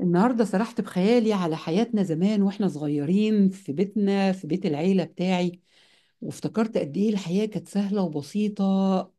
النهاردة سرحت بخيالي على حياتنا زمان واحنا صغيرين في بيتنا في بيت العيلة بتاعي. وافتكرت قد ايه الحياة كانت سهلة وبسيطة،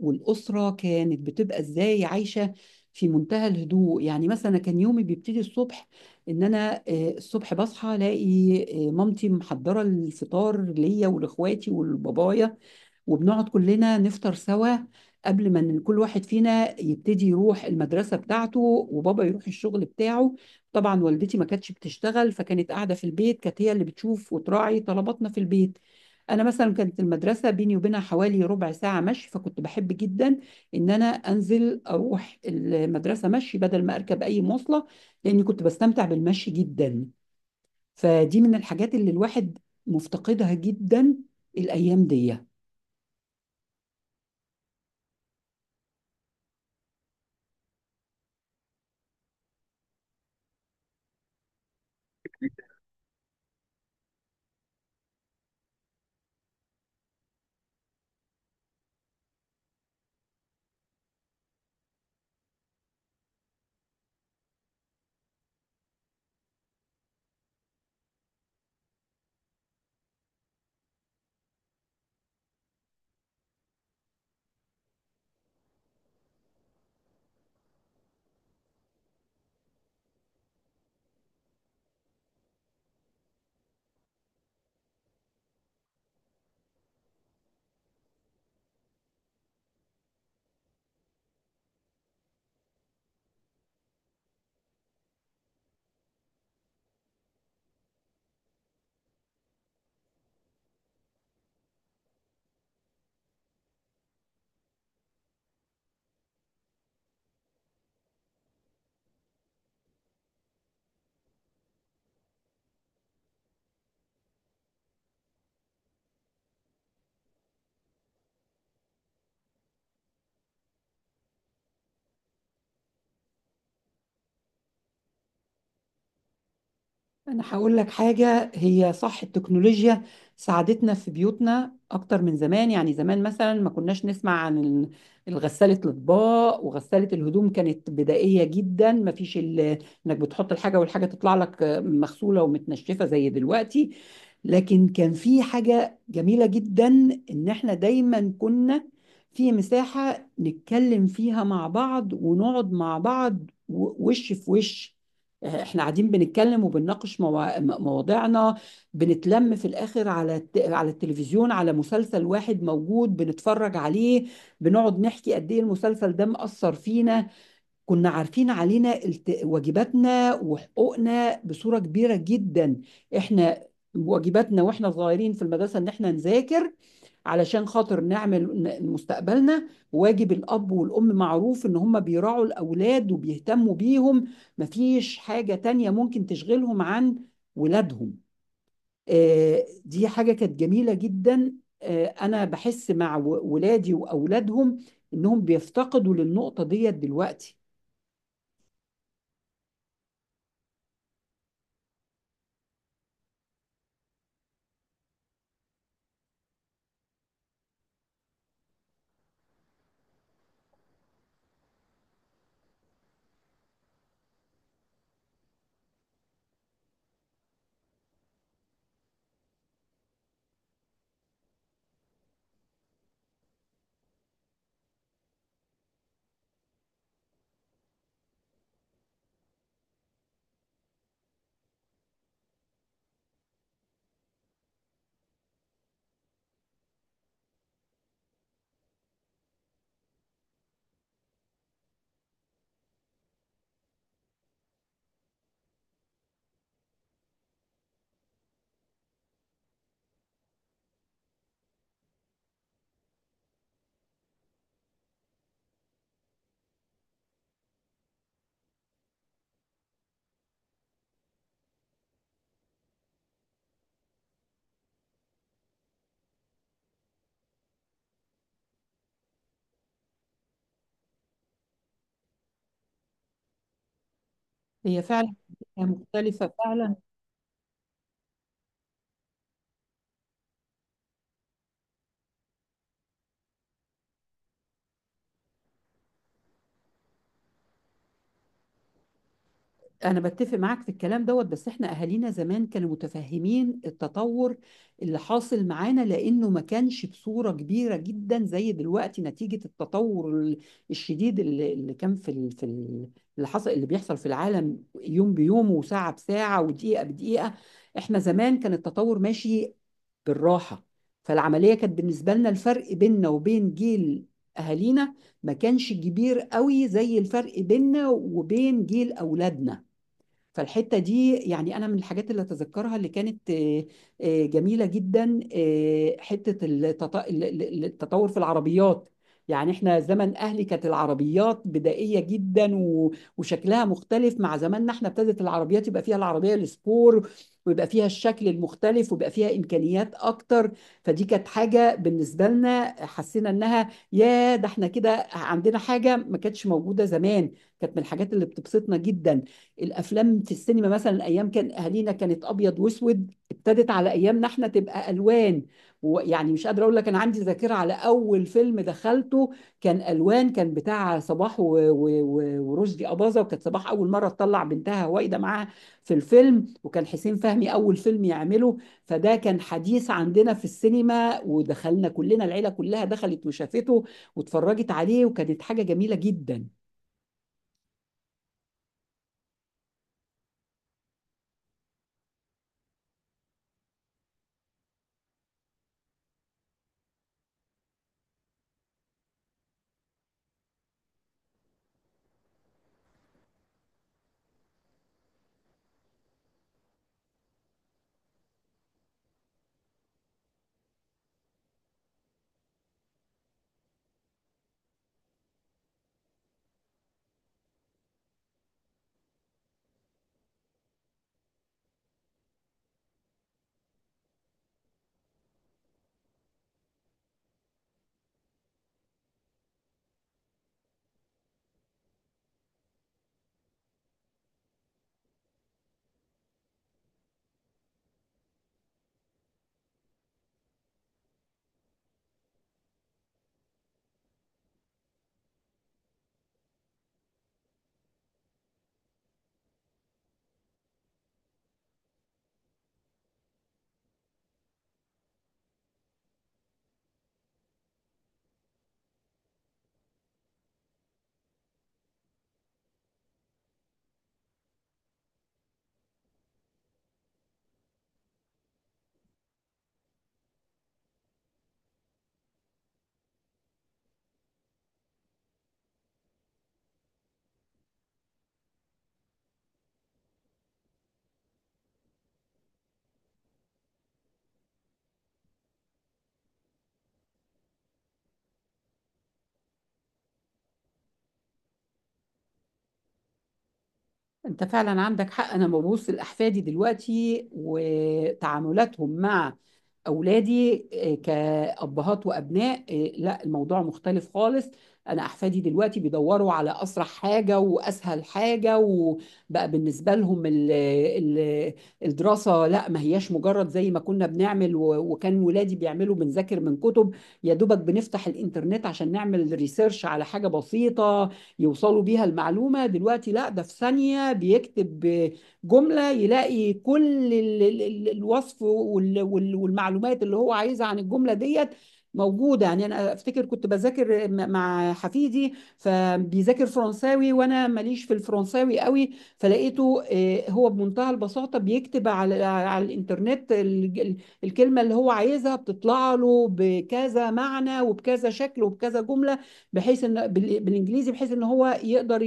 والأسرة كانت بتبقى ازاي عايشة في منتهى الهدوء. يعني مثلا كان يومي بيبتدي الصبح ان انا الصبح بصحى الاقي مامتي محضرة الفطار ليا ولاخواتي ولبابايا، وبنقعد كلنا نفطر سوا قبل ما إن كل واحد فينا يبتدي يروح المدرسة بتاعته وبابا يروح الشغل بتاعه. طبعا والدتي ما كانتش بتشتغل، فكانت قاعده في البيت، كانت هي اللي بتشوف وتراعي طلباتنا في البيت. انا مثلا كانت المدرسه بيني وبينها حوالي ربع ساعه مشي، فكنت بحب جدا ان انا انزل اروح المدرسه مشي بدل ما اركب اي مواصله، لاني كنت بستمتع بالمشي جدا. فدي من الحاجات اللي الواحد مفتقدها جدا الايام دي. أنا هقول لك حاجة، هي صح التكنولوجيا ساعدتنا في بيوتنا أكتر من زمان، يعني زمان مثلا ما كناش نسمع عن الغسالة الأطباق وغسالة الهدوم، كانت بدائية جدا، ما فيش إنك بتحط الحاجة والحاجة تطلع لك مغسولة ومتنشفة زي دلوقتي. لكن كان في حاجة جميلة جدا، إن إحنا دايما كنا في مساحة نتكلم فيها مع بعض ونقعد مع بعض، وش في وش، احنا قاعدين بنتكلم وبنناقش مواضيعنا، بنتلم في الاخر على على التلفزيون، على مسلسل واحد موجود بنتفرج عليه، بنقعد نحكي قد ايه المسلسل ده مأثر فينا. كنا عارفين علينا واجباتنا وحقوقنا بصورة كبيرة جدا. احنا واجباتنا واحنا صغيرين في المدرسة ان احنا نذاكر علشان خاطر نعمل مستقبلنا. واجب الأب والأم معروف إن هم بيراعوا الأولاد وبيهتموا بيهم، مفيش حاجة تانية ممكن تشغلهم عن ولادهم. دي حاجة كانت جميلة جدا. أنا بحس مع ولادي وأولادهم إنهم بيفتقدوا للنقطة ديت دلوقتي. هي فعلا مختلفة فعلا. أنا بتفق معاك في الكلام دوت، بس إحنا أهالينا زمان كانوا متفهمين التطور اللي حاصل معانا، لأنه ما كانش بصورة كبيرة جدا زي دلوقتي نتيجة التطور الشديد اللي كان اللي حصل اللي بيحصل في العالم يوم بيوم وساعة بساعة ودقيقة بدقيقة. إحنا زمان كان التطور ماشي بالراحة، فالعملية كانت بالنسبة لنا الفرق بيننا وبين جيل أهالينا ما كانش كبير قوي زي الفرق بيننا وبين جيل أولادنا. فالحتة دي يعني أنا من الحاجات اللي أتذكرها اللي كانت جميلة جدا، حتة التطور في العربيات. يعني إحنا زمن أهلي كانت العربيات بدائية جدا وشكلها مختلف مع زماننا. إحنا ابتدت العربيات يبقى فيها العربية السبور، ويبقى فيها الشكل المختلف، ويبقى فيها إمكانيات أكتر. فدي كانت حاجة بالنسبة لنا، حسينا إنها يا ده إحنا كده عندنا حاجة ما كانتش موجودة زمان، كانت من الحاجات اللي بتبسطنا جدا. الافلام في السينما مثلا ايام كان اهالينا كانت ابيض واسود، ابتدت على ايامنا احنا تبقى الوان. ويعني مش قادره اقول لك انا عندي ذاكره على اول فيلم دخلته، كان الوان، كان بتاع صباح ورشدي اباظه، وكانت صباح اول مره تطلع بنتها وايده معاها في الفيلم، وكان حسين فهمي اول فيلم يعمله. فده كان حديث عندنا في السينما، ودخلنا كلنا، العيله كلها دخلت وشافته واتفرجت عليه، وكانت حاجه جميله جدا. انت فعلا عندك حق. انا ببص لاحفادي دلوقتي وتعاملاتهم مع اولادي كابهات وابناء، لا الموضوع مختلف خالص. انا احفادي دلوقتي بيدوروا على اسرع حاجه واسهل حاجه، وبقى بالنسبه لهم ال ال الدراسه، لا ما هياش مجرد زي ما كنا بنعمل، وكان ولادي بيعملوا بنذاكر من كتب، يا دوبك بنفتح الانترنت عشان نعمل ريسيرش على حاجه بسيطه يوصلوا بيها المعلومة. دلوقتي لا، ده في ثانية بيكتب جملة يلاقي كل الوصف والمعلومات اللي هو عايزها عن الجملة ديت موجودة. يعني أنا أفتكر كنت بذاكر مع حفيدي، فبيذاكر فرنساوي وأنا ماليش في الفرنساوي قوي، فلقيته هو بمنتهى البساطة بيكتب على الإنترنت الكلمة اللي هو عايزها، بتطلع له بكذا معنى وبكذا شكل وبكذا جملة بحيث ان بالانجليزي، بحيث ان هو يقدر ي-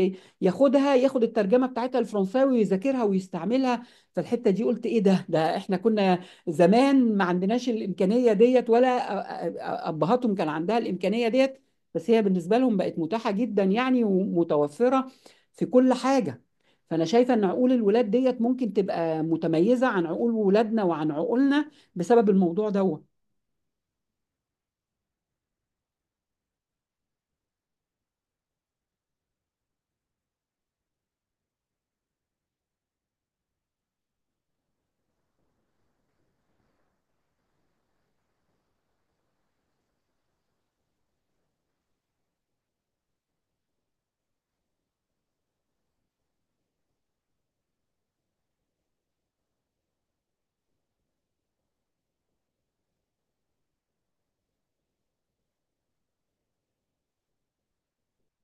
ي- ياخدها ياخد الترجمه بتاعتها الفرنساوي ويذاكرها ويستعملها. فالحته دي قلت ايه ده، احنا كنا زمان ما عندناش الامكانيه ديت، ولا ابهاتهم كان عندها الامكانيه ديت، بس هي بالنسبه لهم بقت متاحه جدا يعني ومتوفره في كل حاجه. فانا شايفه ان عقول الولاد ديت ممكن تبقى متميزه عن عقول ولادنا وعن عقولنا بسبب الموضوع دوت.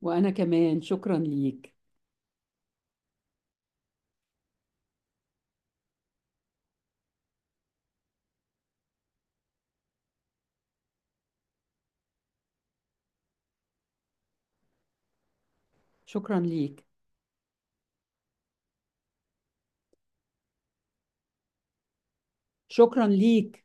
وانا كمان شكرا ليك. شكرا ليك. شكرا ليك.